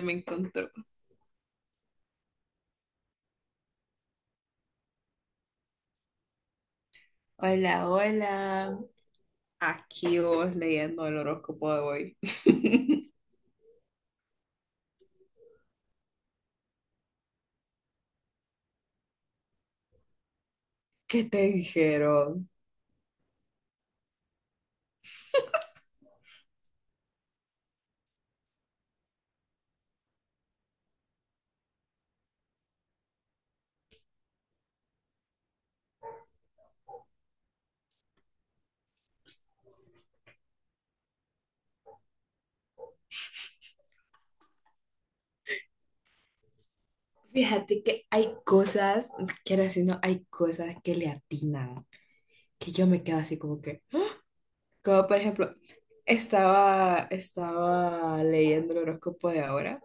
Me encontró. Hola, hola. Aquí vos leyendo el horóscopo de hoy. ¿Qué te dijeron? Fíjate que hay cosas, quiero decir, no, hay cosas que le atinan, que yo me quedo así como que, como por ejemplo, estaba leyendo el horóscopo de ahora.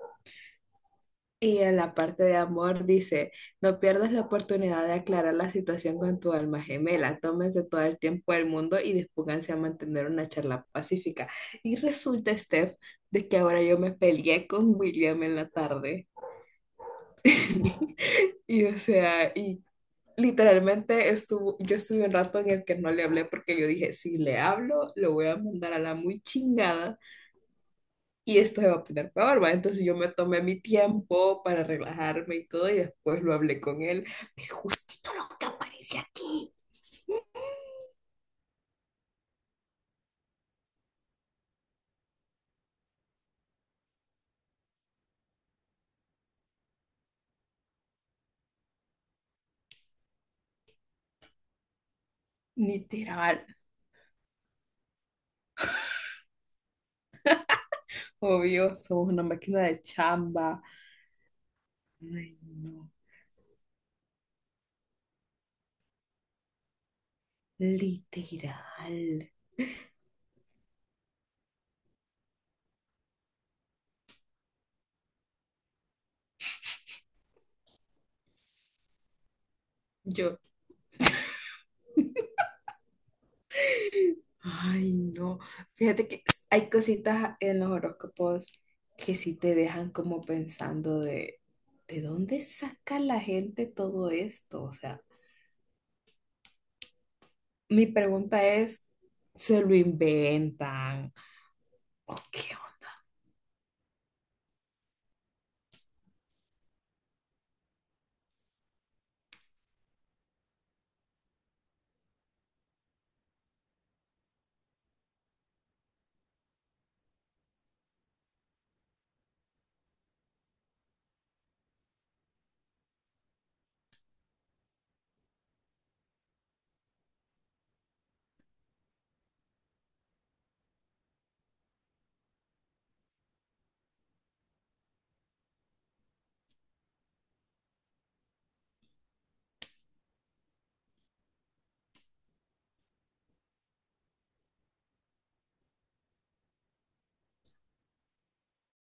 Y en la parte de amor dice, no pierdas la oportunidad de aclarar la situación con tu alma gemela, tómense todo el tiempo del mundo y dispónganse a mantener una charla pacífica. Y resulta, Steph, de que ahora yo me peleé con William en la tarde. Y o sea, y literalmente estuvo, yo estuve un rato en el que no le hablé porque yo dije, si le hablo, lo voy a mandar a la muy chingada y esto se va a poner peor, ¿va? Entonces yo me tomé mi tiempo para relajarme y todo, y después lo hablé con él, pero justito lo que aparece aquí, literal, obvio, somos una máquina de chamba, ay no, literal, yo, ay no, fíjate que hay cositas en los horóscopos que sí te dejan como pensando ¿de dónde saca la gente todo esto? O sea... Mi pregunta es, ¿se lo inventan? ¿O qué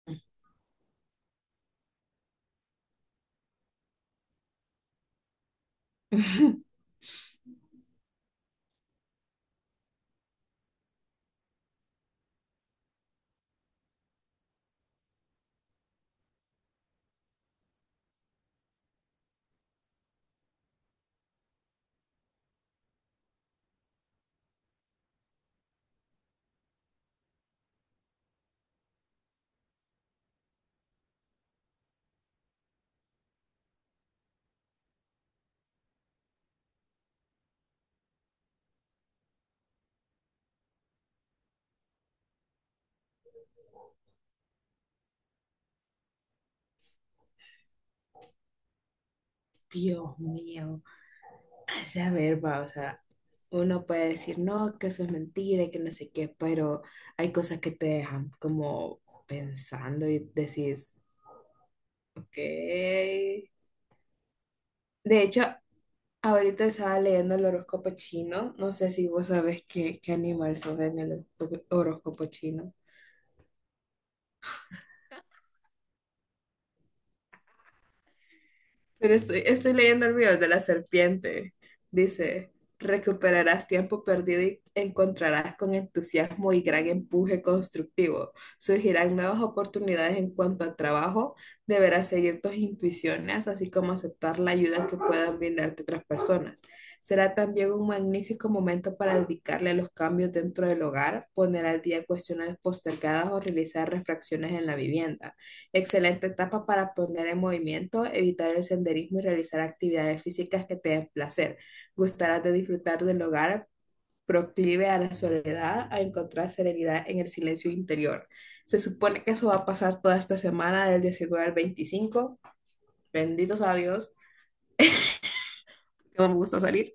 onda? Dios mío. O sea, a ver, va, o sea, uno puede decir, no, que eso es mentira y que no sé qué, pero hay cosas que te dejan como pensando y decís, ok. De hecho, ahorita estaba leyendo el horóscopo chino. No sé si vos sabés qué, qué animal sos en el horóscopo chino. Pero estoy leyendo el video de la serpiente. Dice, recuperarás tiempo perdido y encontrarás con entusiasmo y gran empuje constructivo. Surgirán nuevas oportunidades en cuanto a trabajo. Deberás seguir tus intuiciones, así como aceptar la ayuda que puedan brindarte otras personas. Será también un magnífico momento para dedicarle a los cambios dentro del hogar, poner al día cuestiones postergadas o realizar refracciones en la vivienda. Excelente etapa para poner en movimiento, evitar el senderismo y realizar actividades físicas que te den placer. Gustarás de disfrutar del hogar, proclive a la soledad, a encontrar serenidad en el silencio interior. Se supone que eso va a pasar toda esta semana, del 19 al 25. Benditos a Dios, que no me gusta salir.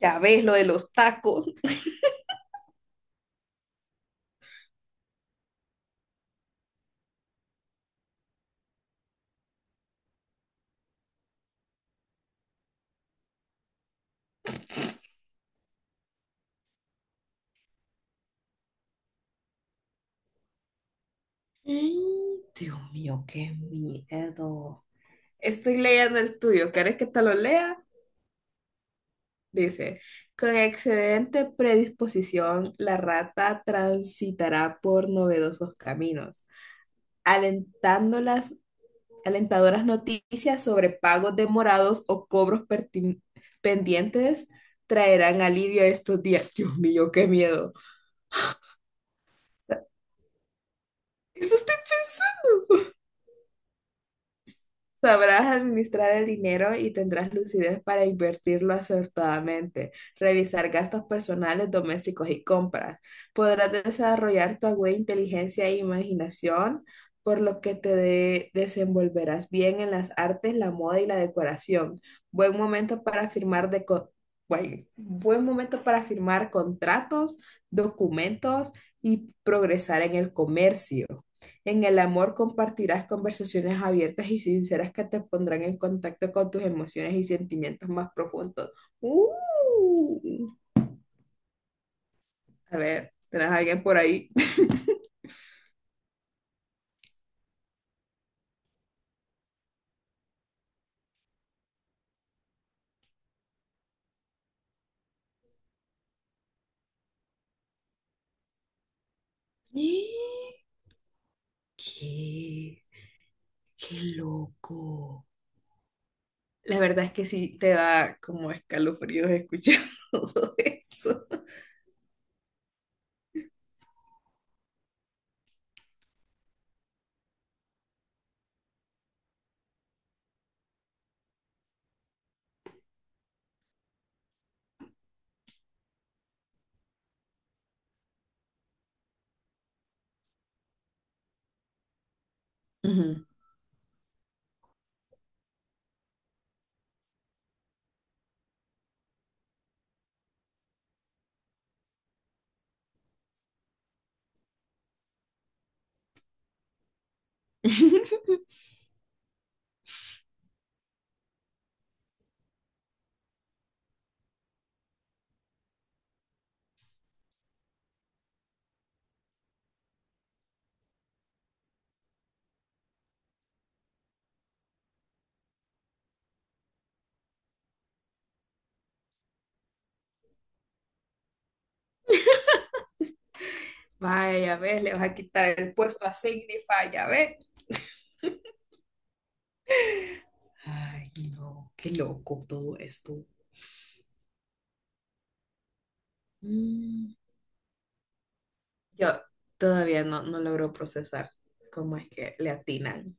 Ya ves lo de los tacos. Dios mío, qué miedo. Estoy leyendo el tuyo. ¿Quieres que te lo lea? Dice, con excelente predisposición, la rata transitará por novedosos caminos, alentando las alentadoras noticias sobre pagos demorados o pendientes traerán alivio a estos días. Dios mío, qué miedo. O sea, eso estoy pensando. Sabrás administrar el dinero y tendrás lucidez para invertirlo acertadamente, revisar gastos personales, domésticos y compras. Podrás desarrollar tu aguda inteligencia e imaginación, por lo que desenvolverás bien en las artes, la moda y la decoración. Buen momento para firmar de co- buen momento para firmar contratos, documentos y progresar en el comercio. En el amor compartirás conversaciones abiertas y sinceras que te pondrán en contacto con tus emociones y sentimientos más profundos. ¡Uh! A ver, ¿tenés a alguien por ahí? ¿Qué? ¡Qué loco! La verdad es que sí te da como escalofríos escuchar todo eso. Ujú. Vaya, ves, le vas a quitar el puesto a Signify, ya ves. Ay, no, qué loco todo esto. Mm. Yo todavía no logro procesar cómo es que le atinan.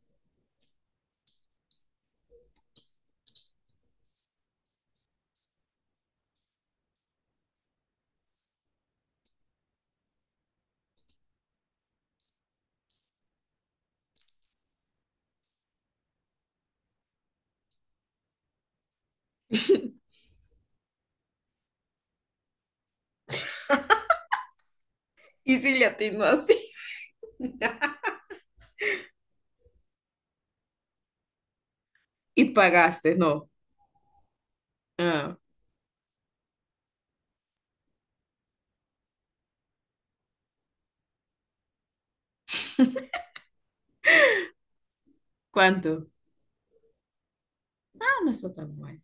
¿Y si le atino así? Y pagaste, no. Ah, ¿cuánto? Ah, no está tan mal.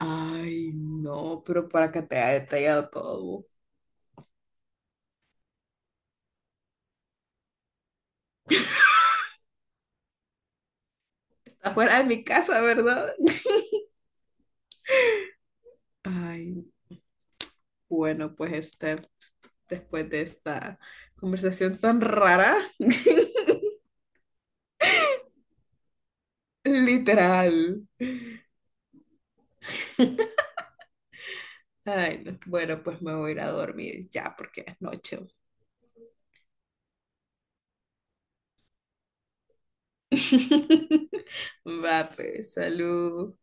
Ay, no, pero para que te haya detallado todo. Está fuera de mi casa, ¿verdad? Ay, bueno, pues este, después de esta conversación tan rara, literal. Ay, no. Bueno, pues me voy a ir a dormir ya porque es noche. Va, pues, salud.